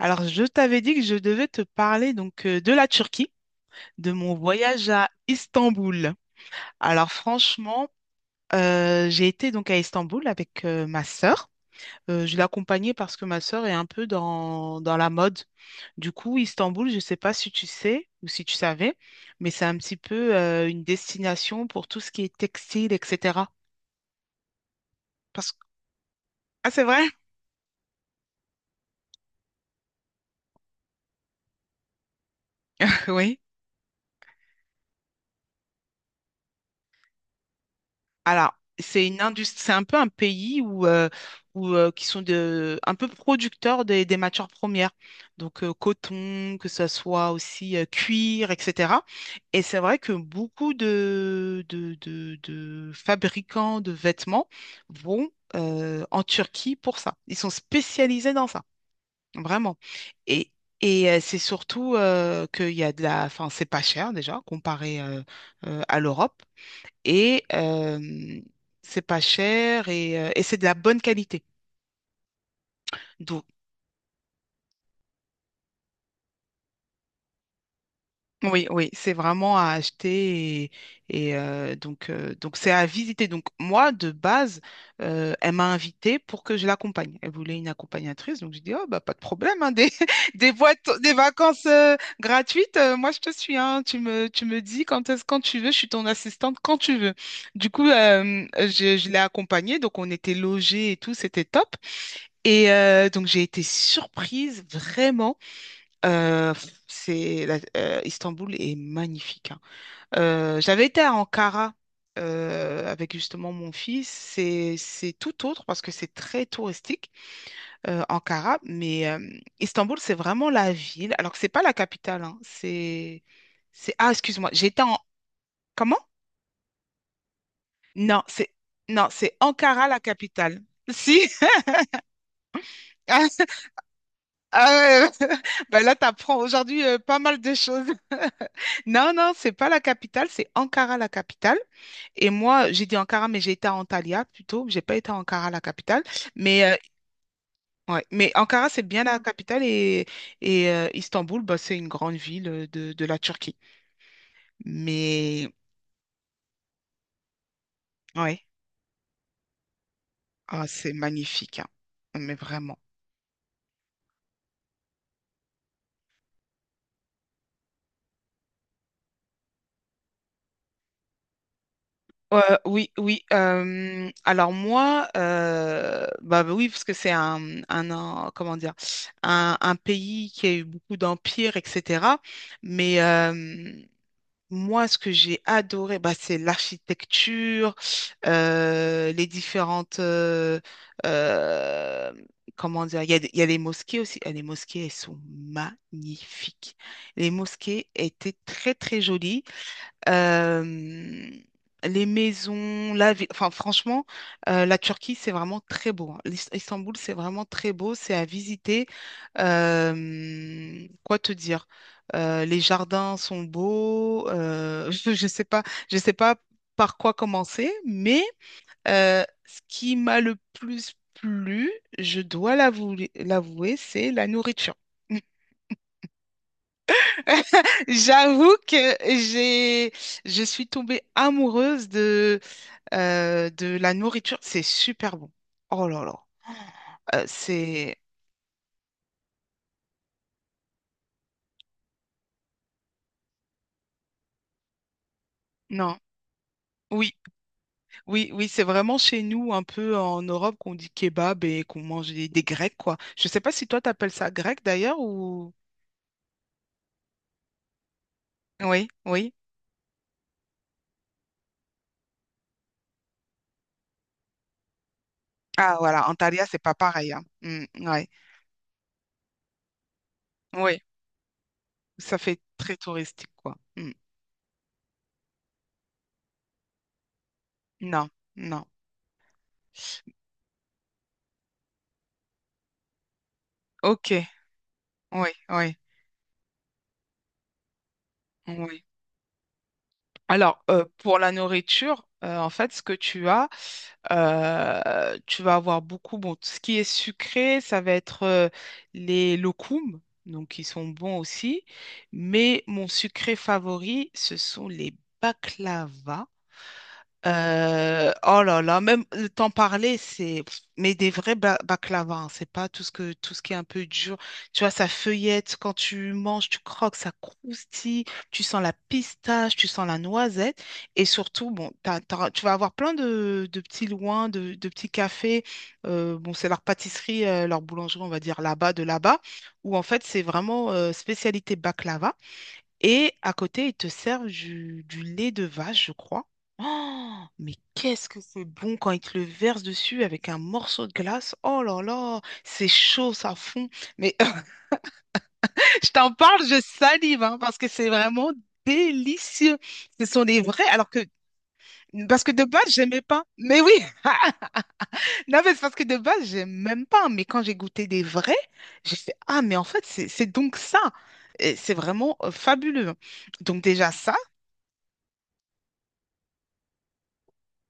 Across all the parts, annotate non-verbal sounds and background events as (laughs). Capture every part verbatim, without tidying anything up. Alors, je t'avais dit que je devais te parler donc euh, de la Turquie, de mon voyage à Istanbul. Alors, franchement, euh, j'ai été donc à Istanbul avec euh, ma sœur. Euh, je l'ai accompagnée parce que ma sœur est un peu dans, dans la mode. Du coup, Istanbul, je ne sais pas si tu sais ou si tu savais, mais c'est un petit peu euh, une destination pour tout ce qui est textile, et cetera. Parce... Ah, c'est vrai? (laughs) Oui. Alors, c'est une industrie, c'est un peu un pays où, euh, où euh, qui sont de, un peu producteurs des, des matières premières, donc euh, coton, que ce soit aussi euh, cuir, et cetera. Et c'est vrai que beaucoup de, de, de, de fabricants de vêtements vont euh, en Turquie pour ça. Ils sont spécialisés dans ça, vraiment. Et Et euh, c'est surtout euh, qu'il y a de la... Enfin, c'est pas cher déjà comparé euh, euh, à l'Europe et euh, c'est pas cher et, euh, et c'est de la bonne qualité. Donc, oui, oui, c'est vraiment à acheter et, et, euh, donc euh, donc c'est à visiter. Donc moi, de base, euh, elle m'a invitée pour que je l'accompagne. Elle voulait une accompagnatrice, donc j'ai dit, oh, bah, pas de problème, hein, des, (laughs) des, boîtes, des vacances euh, gratuites, euh, moi je te suis, hein, tu me, tu me dis quand est-ce, quand tu veux, je suis ton assistante quand tu veux. Du coup, euh, je, je l'ai accompagnée, donc on était logés et tout, c'était top. Et euh, donc j'ai été surprise vraiment. Euh, pff, c'est la- euh, Istanbul est magnifique, hein. Euh, j'avais été à Ankara euh, avec justement mon fils. C'est c'est tout autre parce que c'est très touristique euh, Ankara, mais euh, Istanbul c'est vraiment la ville. Alors que c'est pas la capitale, hein. C'est c'est ah Excuse-moi. J'étais en comment? Non c'est non c'est Ankara la capitale. Si. (laughs) Ah, ouais. (laughs) Bah là, t'apprends aujourd'hui euh, pas mal de choses. Non, non, c'est pas la capitale, c'est Ankara la capitale. Et moi, j'ai dit Ankara, mais j'ai été à Antalya plutôt. J'ai pas été à Ankara la capitale. Mais, euh, ouais. Mais Ankara, c'est bien la capitale et, et euh, Istanbul, bah, c'est une grande ville euh, de, de la Turquie. Mais ouais, ah, c'est magnifique, hein. Mais vraiment. Euh, oui, oui. Euh, alors moi, euh, bah bah oui, parce que c'est un, un, un- comment dire, un, un pays qui a eu beaucoup d'empires, et cetera. Mais euh, Moi, ce que j'ai adoré, bah, c'est l'architecture, euh, les différentes... euh, euh, comment dire? Il y a, des- il y a les mosquées aussi. Ah, les mosquées, elles sont magnifiques. Les mosquées étaient très, très jolies. Euh, les maisons, la vie, enfin franchement, euh, la Turquie, c'est vraiment très beau, hein. L'Is- Istanbul, c'est vraiment très beau, c'est à visiter. Euh, quoi te dire? Euh, les jardins sont beaux. Euh, (laughs) je, je sais pas, je sais pas par quoi commencer, mais euh, ce qui m'a le plus plu, je dois l'avouer, l'avouer, c'est la nourriture. (laughs) (laughs) J'avoue que j'ai, je suis tombée amoureuse de, euh, de la nourriture. C'est super bon. Oh là là. Euh, c'est, non. Oui, oui, oui, c'est vraiment chez nous, un peu en Europe, qu'on dit kebab et qu'on mange des, des grecs, quoi. Je sais pas si toi, t'appelles ça grec d'ailleurs ou. Oui, oui. Ah, voilà. Antalya, c'est pas pareil, hein. Mm, ouais. Oui. Ça fait très touristique, quoi. Mm. Non, non. Ok. Oui, oui. Oui. Alors, euh, pour la nourriture, euh, en fait, ce que tu as, euh, tu vas avoir beaucoup, bon, tout ce qui est sucré, ça va être euh, les locums, donc qui sont bons aussi, mais mon sucré favori, ce sont les baklava. Euh, oh là là, même le temps parler, c'est mais des vrais ba- baklava, hein, c'est pas tout ce que tout ce qui est un peu dur. Tu vois, ça feuillette quand tu manges, tu croques, ça croustille, tu sens la pistache, tu sens la noisette, et surtout, bon, t'as- t'auras- tu vas avoir plein de, de petits loins, de, de petits cafés. Euh, bon, c'est leur pâtisserie, euh, leur boulangerie, on va dire là-bas, de là-bas, où en fait c'est vraiment euh, spécialité baklava. Et à côté, ils te servent du, du lait de vache, je crois. Oh, mais qu'est-ce que c'est bon quand ils te le versent dessus avec un morceau de glace. Oh là là, c'est chaud, ça fond. Mais (laughs) je t'en parle, je salive, hein, parce que c'est vraiment délicieux. Ce sont des vrais, alors que, parce que de base, j'aimais pas. Mais oui, (laughs) non, mais c'est parce que de base, j'aime même pas. Mais quand j'ai goûté des vrais, j'ai fait, ah, mais en fait, c'est c'est donc ça. Et c'est vraiment euh, fabuleux. Donc déjà ça,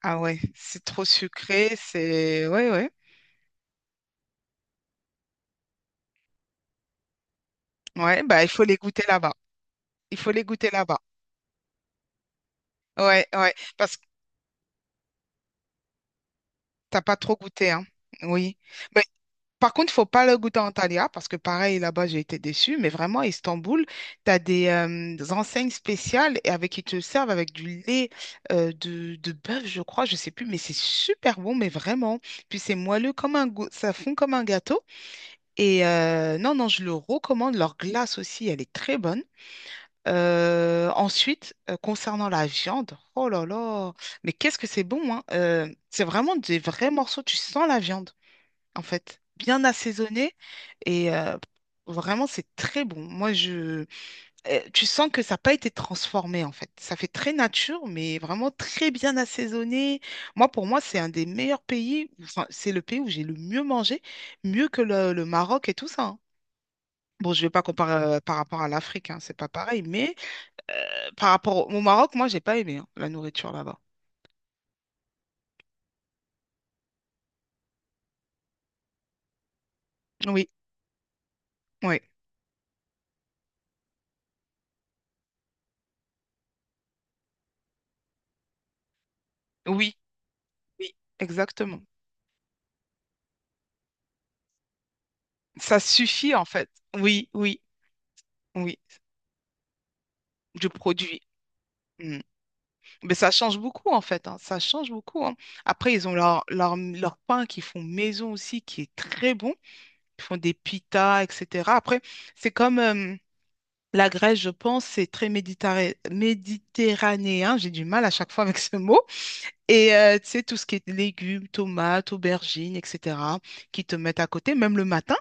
ah ouais, c'est trop sucré, c'est... Ouais, ouais. Ouais, bah, il faut les goûter là-bas. Il faut les goûter là-bas. Ouais, ouais, parce que t'as pas trop goûté, hein. Oui. Mais, par contre, faut pas le goûter en Antalya, parce que pareil, là-bas, j'ai été déçue. Mais vraiment, à Istanbul, t'as des, euh, des enseignes spéciales et avec qui te servent avec du lait euh, de, de bœuf, je crois, je sais plus, mais c'est super bon, mais vraiment. Puis c'est moelleux comme un gâteau, ça fond comme un gâteau. Et euh, non, non, je le recommande. Leur glace aussi, elle est très bonne. Euh, ensuite, euh, concernant la viande, oh là là, mais qu'est-ce que c'est bon, hein? Euh, c'est vraiment des vrais morceaux, tu sens la viande, en fait, bien assaisonnée et euh, vraiment c'est très bon. Moi, je, euh, tu sens que ça n'a pas été transformé, en fait. Ça fait très nature, mais vraiment très bien assaisonné. Moi, pour moi, c'est un des meilleurs pays, enfin, c'est le pays où j'ai le mieux mangé, mieux que le, le Maroc et tout ça, hein. Bon, je ne vais pas comparer euh, par rapport à l'Afrique, hein, c'est pas pareil, mais euh, par rapport au, au Maroc, moi, j'ai pas aimé hein, la nourriture là-bas. Oui, oui, oui, oui, exactement. Ça suffit en fait. Oui, oui, oui, du produit. Mm. Mais ça change beaucoup en fait, hein, ça change beaucoup, hein. Après, ils ont leur, leur, leur pain qu'ils font maison aussi, qui est très bon. Ils font des pitas, et cetera. Après, c'est comme euh, la Grèce, je pense, c'est très méditerra- méditerranéen. J'ai du mal à chaque fois avec ce mot. Et euh, tu sais, tout ce qui est légumes, tomates, aubergines, et cetera, qui te mettent à côté, même le matin,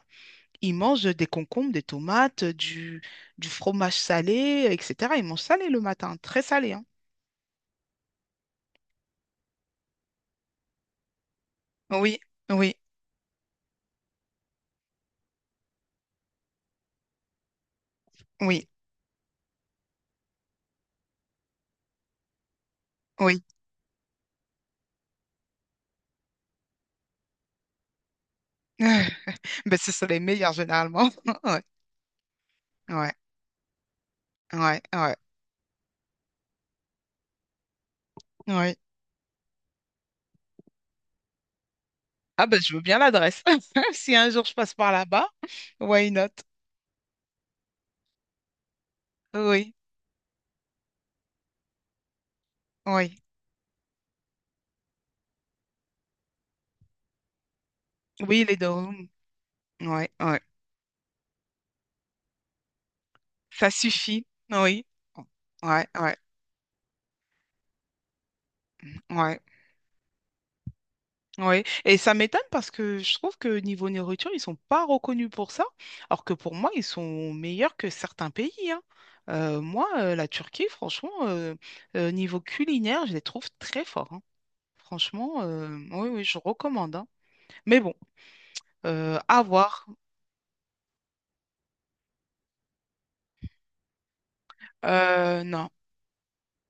ils mangent des concombres, des tomates, du, du fromage salé, et cetera. Ils mangent salé le matin, très salé, hein. Oui, oui, oui, oui. (laughs) Ben, ce sont les meilleurs généralement. (laughs) Ouais, ouais, ouais, ouais, ouais. Ah ben, je veux bien l'adresse. (laughs) Si un jour je passe par là-bas, why not? Oui, oui. Oui, les dômes. Ouais, ouais. Ça suffit. Oui. Ouais, ouais, ouais. Oui, et ça m'étonne parce que je trouve que niveau nourriture, ils sont pas reconnus pour ça, alors que pour moi, ils sont meilleurs que certains pays, hein. Euh, moi, euh, la Turquie, franchement, euh, euh, niveau culinaire, je les trouve très forts, hein. Franchement, euh, oui, oui, je recommande, hein. Mais bon, euh, à voir. Euh, non.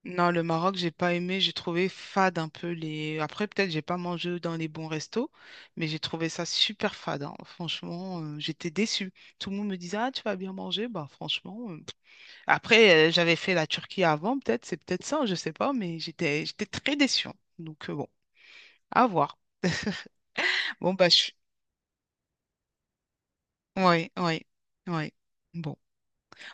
Non, le Maroc, j'ai pas aimé, j'ai trouvé fade un peu les. Après, peut-être j'ai pas mangé dans les bons restos, mais j'ai trouvé ça super fade, hein. Franchement, euh, j'étais déçue. Tout le monde me disait, ah, tu vas bien manger. Bah franchement. euh. Après, euh, j'avais fait la Turquie avant, peut-être, c'est peut-être ça, je sais pas, mais j'étais j'étais très déçue, hein. Donc euh, bon, à voir. Bon bah je. Oui, oui, oui. Bon.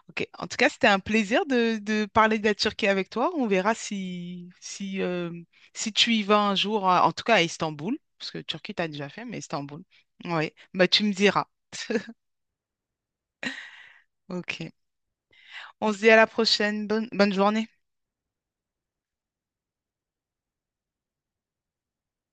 Ok. En tout cas, c'était un plaisir de, de parler de la Turquie avec toi. On verra si, si, euh, si tu y vas un jour, à- en tout cas à Istanbul, parce que Turquie, t'as déjà fait, mais Istanbul. Oui, bah, tu me diras. (laughs) Ok. On se dit à la prochaine. Bonne, bonne journée.